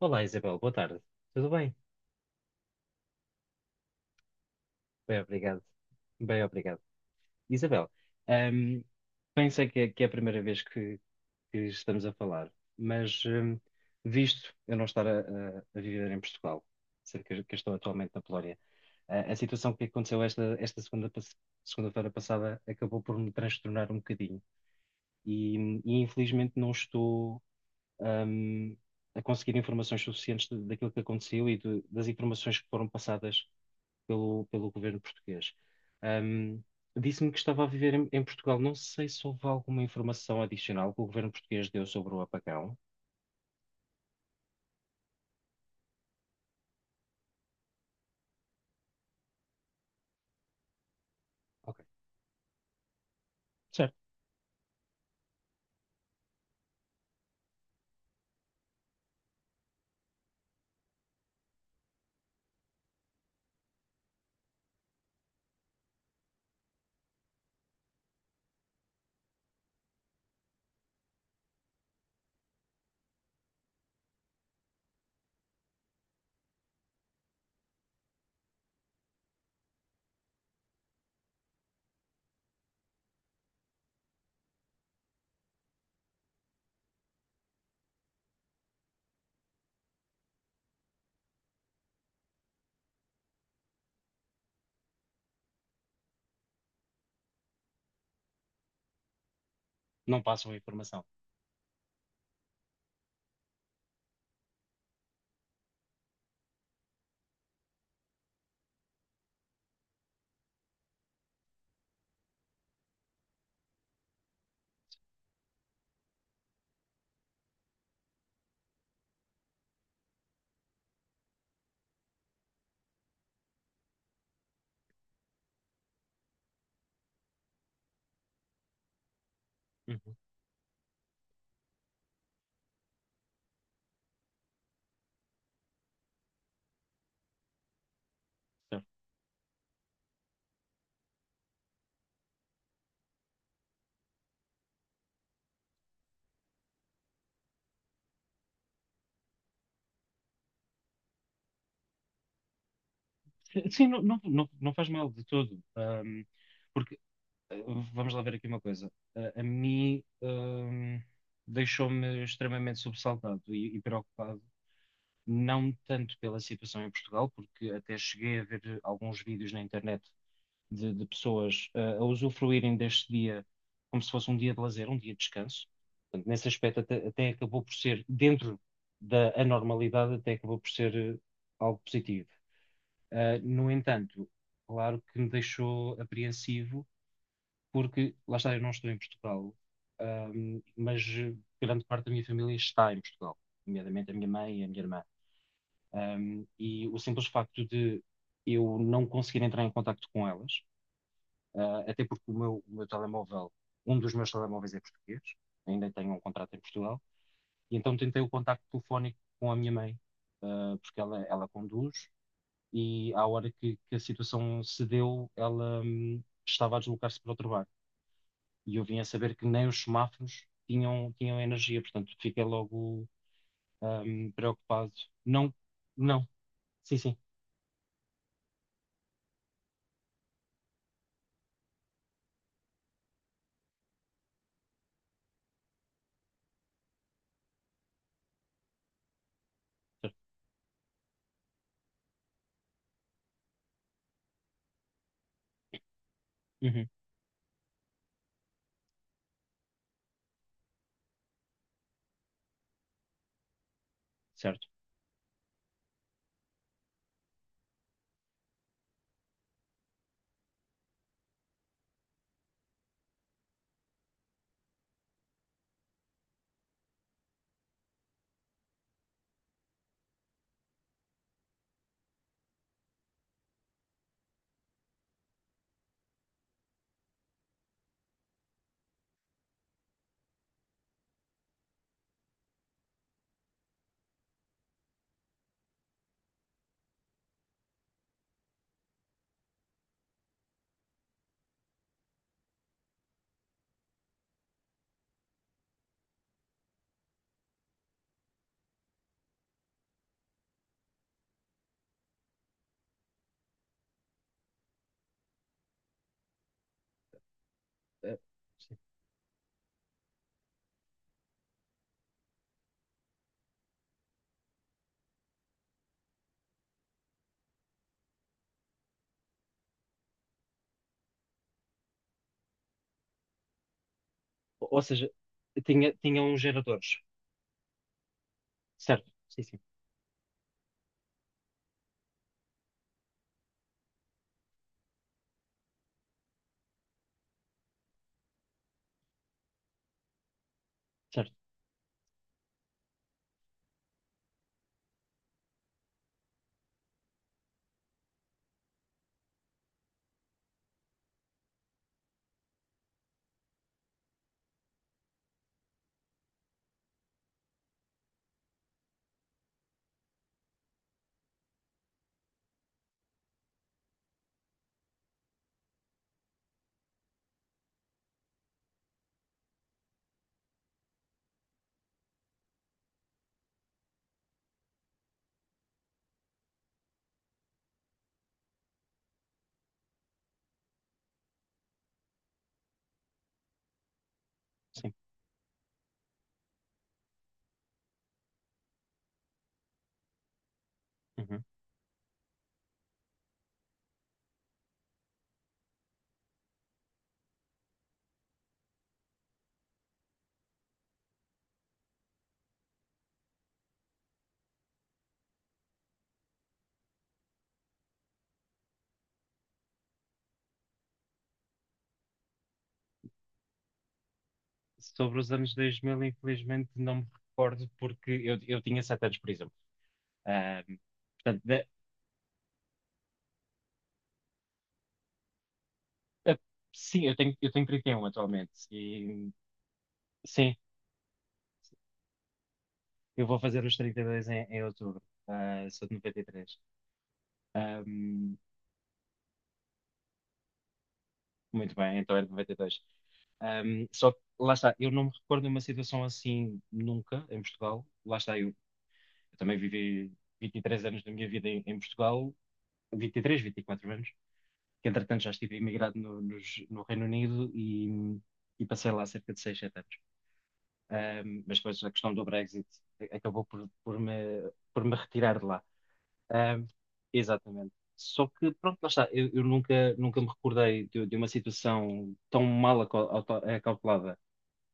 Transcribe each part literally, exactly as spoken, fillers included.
Olá, Isabel, boa tarde. Tudo bem? Bem, obrigado. Bem, obrigado. Isabel, ahm, pensei que é, que é a primeira vez que, que estamos a falar, mas ahm, visto eu não estar a, a- a viver em Portugal, sendo que, que estou atualmente na Polónia, a, a situação que aconteceu esta, esta segunda, pas- segunda-feira passada acabou por me transtornar um bocadinho e, e infelizmente não estou ahm, a conseguir informações suficientes de- daquilo que aconteceu e de- das informações que foram passadas pelo, pelo governo português. Ahm, Disse-me que estava a viver em, em Portugal. Não sei se houve alguma informação adicional que o governo português deu sobre o apagão. Ok, certo. Não passam a informação. Uhum, certo. Sim, não, não, não, não faz mal de todo. Ahm, porque, eh, vamos lá ver aqui uma coisa. A, a mim, ahm, deixou-me extremamente sobressaltado e, e preocupado. Não tanto pela situação em Portugal, porque até cheguei a ver alguns vídeos na internet de, de pessoas eh, a usufruírem deste dia como se fosse um dia de lazer, um dia de descanso. Portanto, nesse aspecto, até, até acabou por ser, dentro da anormalidade, até acabou por ser eh, algo positivo. Eh, no entanto, claro que me deixou apreensivo, porque lá está, eu não estou em Portugal, ahm, mas eh, grande parte da minha família está em Portugal, nomeadamente a minha mãe e a minha irmã. Ahm, e o simples facto de eu não conseguir entrar em contacto com elas. Uh, até porque o meu, o meu telemóvel, um dos meus telemóveis é português, ainda tenho um contrato em Portugal, e então tentei o contacto telefónico com a minha mãe, uh, porque ela, ela conduz, e à hora que, que a situação se deu, ela hum, estava a deslocar-se para outro bar. E eu vim a saber que nem os semáforos tinham, tinham energia, portanto fiquei logo hum, preocupado. Não, não, sim, sim, certo. Uhum, certo. Eh, sim. Ou seja, tinha, tinham geradores, certo, sim, sim. Certo. Sim. Uhum. Sobre os anos dois mil, infelizmente não me recordo porque eu, eu tinha sete anos, por exemplo. Ah, portanto, da- a- sim, eu tenho, eu tenho trinta e um atualmente e sim, eu vou fazer os trinta e dois em, em outubro. Ah, sou de noventa e três. Ah, muito bem, então é de noventa e dois. Um, só que, lá está, eu não me recordo de uma situação assim nunca em Portugal. Lá está, eu, eu também vivi vinte e três anos da minha vida em, em Portugal, vinte e três, vinte e quatro anos, que entretanto já estive imigrado no, nos- no Reino Unido e, e passei lá cerca de seis sete anos. Ahm, mas depois a questão do Brexit acabou por, por me, por me retirar de lá. Ahm, Exatamente. Só que, pronto, lá está, eu, eu nunca, nunca me recordei de, de uma situação tão mal acal- auto- acautelada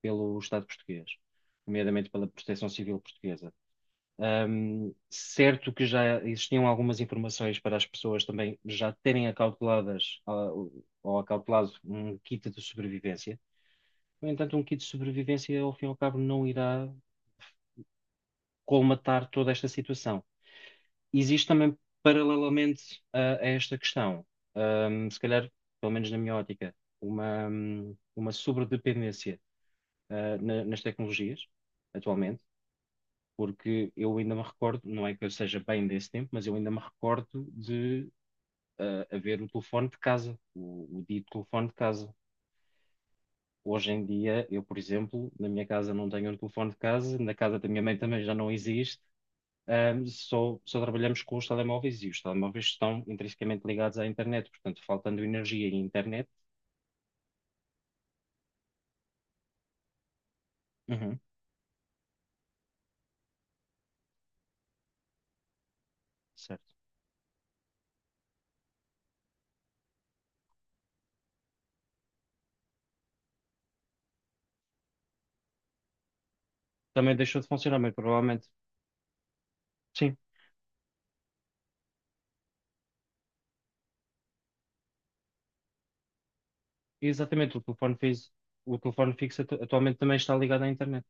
pelo Estado português, nomeadamente pela Proteção Civil portuguesa. Um, certo que já existiam algumas informações para as pessoas também já terem acauteladas ah, ou acautelado um kit de sobrevivência. No entanto, um kit de sobrevivência, ao fim e ao cabo, não irá colmatar toda esta situação. Existe também, paralelamente a, a esta questão, um, se calhar, pelo menos na minha ótica, uma, uma sobredependência ah, na- nas tecnologias, atualmente. Porque eu ainda me recordo, não é que eu seja bem desse tempo, mas eu ainda me recordo de ah, haver o telefone de casa, o, o dito telefone de casa. Hoje em dia, eu, por exemplo, na minha casa não tenho um telefone de casa, na casa da minha mãe também já não existe, ah, só, só trabalhamos com os telemóveis e os telemóveis estão intrinsecamente ligados à internet, portanto, faltando energia e internet, uhum, certo. Também deixou de funcionar, mas provavelmente, sim, exatamente, o telefone fixo, o telefone fixo atu- atualmente também está ligado à internet,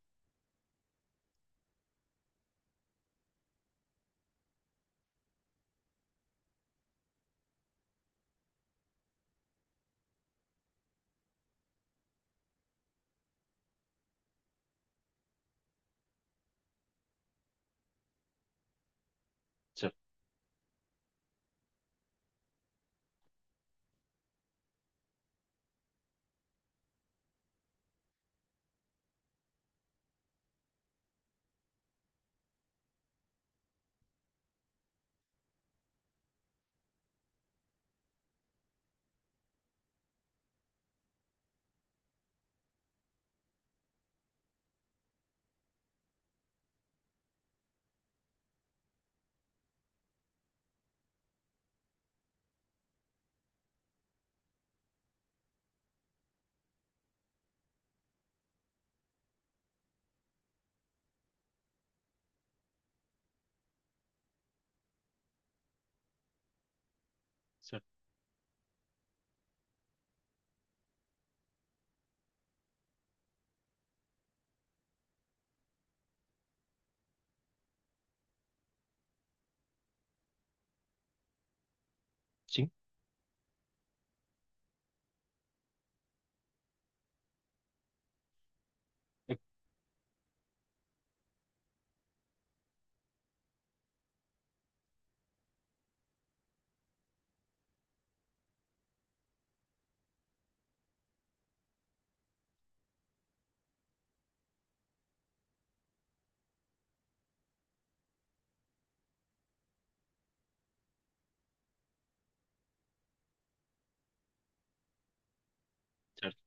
certo? Certo. Sim, é certo.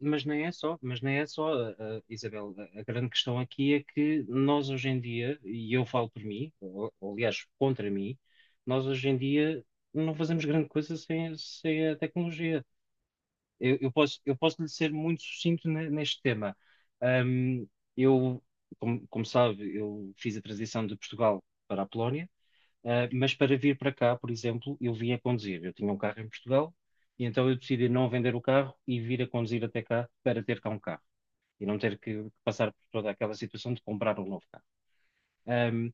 Mas nem é só, mas nem é só, uh, uh, Isabel. A, a grande questão aqui é que nós hoje em dia, e eu falo por mim, ou, ou, aliás, contra mim, nós hoje em dia não fazemos grande coisa sem, sem a tecnologia. Eu, eu posso, eu posso lhe ser muito sucinto ne- neste tema. Ahm, eu, como, como sabe, eu fiz a transição de Portugal para a Polónia. Ah, mas para vir para cá, por exemplo, eu vim a conduzir. Eu tinha um carro em Portugal e então eu decidi não vender o carro e vir a conduzir até cá para ter cá um carro e não ter que passar por toda aquela situação de comprar um novo carro. Ahm,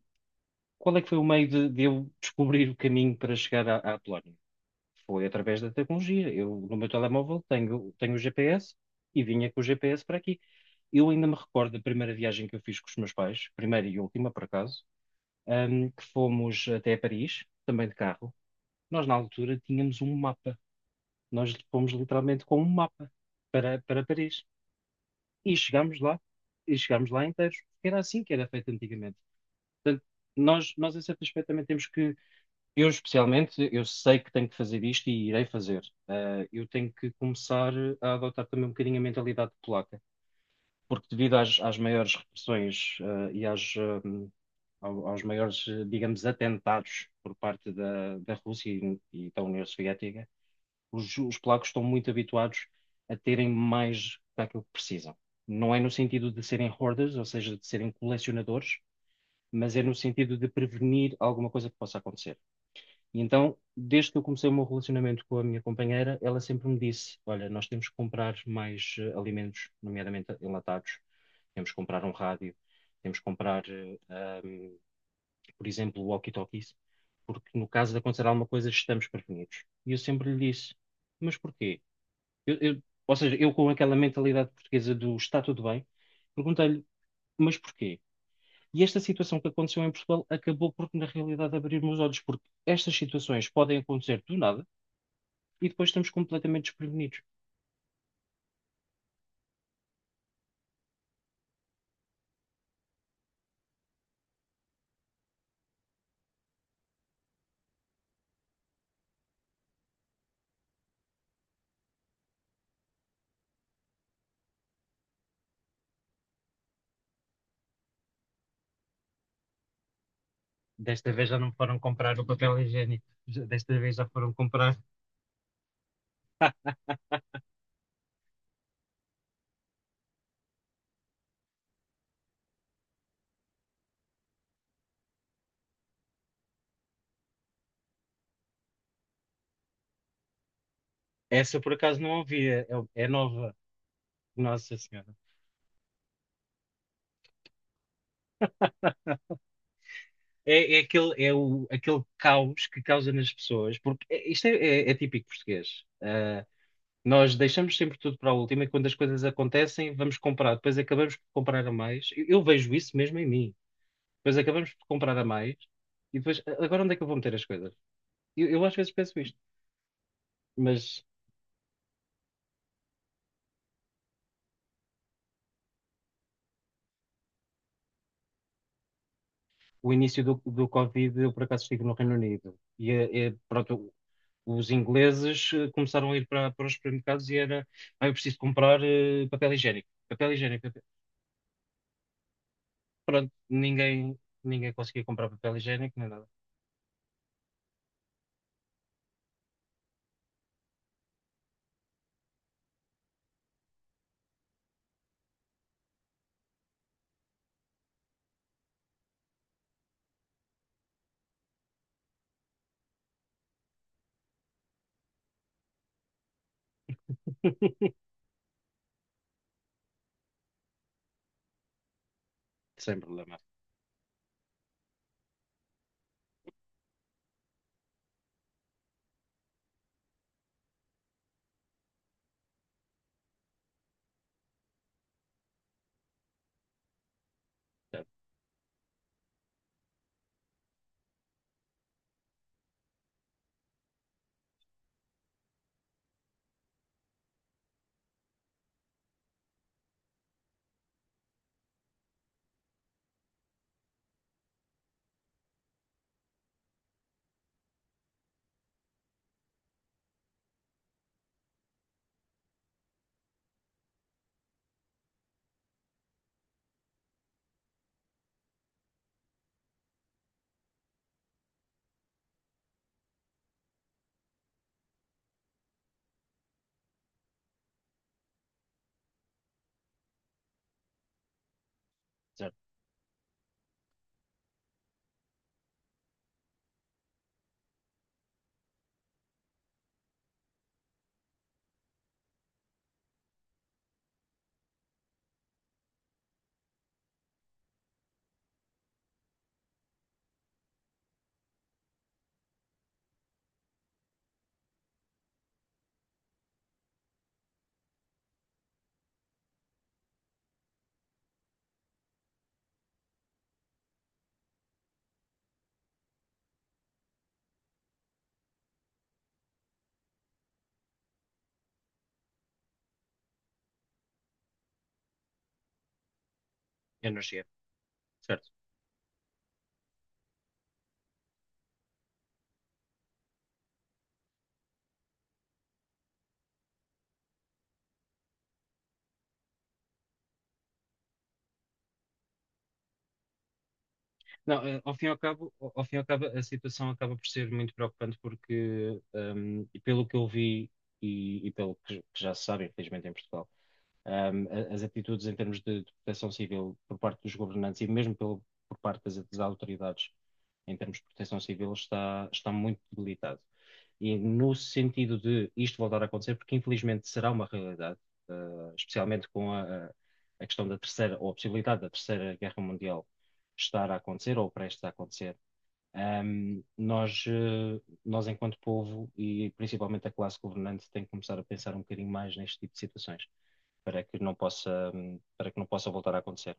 Qual é que foi o meio de, de eu descobrir o caminho para chegar à, à Polónia? Foi através da tecnologia. Eu, no meu telemóvel, tenho, tenho o G P S e vinha com o G P S para aqui. Eu ainda me recordo da primeira viagem que eu fiz com os meus pais, primeira e última, por acaso, ahm, que fomos até Paris, também de carro. Nós, na altura, tínhamos um mapa. Nós fomos literalmente com um mapa para, para Paris. E chegámos lá, e chegámos lá inteiros, porque era assim que era feito antigamente. Portanto, nós, nós, em certo aspecto, também temos que, eu especialmente, eu sei que tenho que fazer isto e irei fazer. Ah, eu tenho que começar a adotar também um bocadinho a mentalidade polaca, porque devido às, às maiores repressões, ah, e às, ah, ao- aos maiores, eh, digamos, atentados por parte da, da Rússia e, e da União Soviética. Os, os polacos estão muito habituados a terem mais daquilo que precisam. Não é no sentido de serem hoarders, ou seja, de serem colecionadores, mas é no sentido de prevenir alguma coisa que possa acontecer. E então, desde que eu comecei o meu relacionamento com a minha companheira, ela sempre me disse: Olha, nós temos que comprar mais eh, alimentos, nomeadamente enlatados, temos que comprar um rádio, temos que comprar, eh, ahm, por exemplo, walkie-talkies, porque no caso de acontecer alguma coisa, estamos prevenidos. E eu sempre lhe disse: Mas porquê? Eu- eu- ou seja, eu com aquela mentalidade portuguesa do está tudo bem, perguntei-lhe, mas porquê? E esta situação que aconteceu em Portugal acabou por, na realidade, abrir meus olhos, porque estas situações podem acontecer do nada e depois estamos completamente desprevenidos. Desta vez já não foram comprar o papel higiênico. Já- desta vez já foram comprar. Essa por acaso não havia, é, é nova. Nossa Senhora. É, é aquele, é o, aquele caos que causa nas pessoas, porque é- isto é, é- é típico português. Nós deixamos sempre tudo para a última e quando as coisas acontecem, vamos comprar. Depois acabamos por comprar a mais. Eu, eu vejo isso mesmo em mim. Depois acabamos por comprar a mais e depois, "A- agora onde é que eu vou meter as coisas? Eu, eu às vezes penso isto, mas o início do, do Covid, eu por acaso estive no Reino Unido e, é- é, pronto, os ingleses eh, começaram a ir para, para os supermercados e era, ah, eu preciso comprar eh, papel higiênico. Papel higiênico. Papel-" Pronto, ninguém, ninguém conseguia comprar papel higiênico nem nada. Sem problema. Certo. Zero. Energia. Certo. Não, eh, ao fim e ao cabo, ao ao fim e ao cabo, a situação acaba por ser muito preocupante porque, ehm, e pelo que eu vi e, e pelo que que já se sabe, infelizmente, em Portugal, ehm, a- as atitudes em termos de, de proteção civil por parte dos governantes e mesmo pelo, por parte das, das autoridades em termos de proteção civil está, está muito debilitado. E no sentido de isto voltar a acontecer, porque infelizmente será uma realidade, eh, especialmente com a, a- questão da terceira, ou a possibilidade da terceira guerra mundial estar a acontecer ou prestes a acontecer, ahm, nós, eh, nós enquanto povo e principalmente a classe governante tem que começar a pensar um bocadinho mais neste tipo de situações para que não possa, hum, para que não possa voltar a acontecer.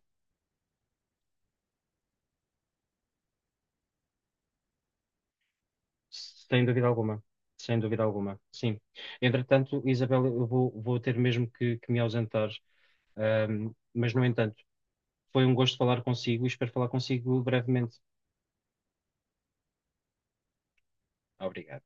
Sem dúvida alguma. Sem dúvida alguma, sim. Entretanto, Isabel, eu vou, vou ter mesmo que, que me ausentar. Ahm, mas, no entanto, foi um gosto falar consigo e espero falar consigo brevemente. Obrigado.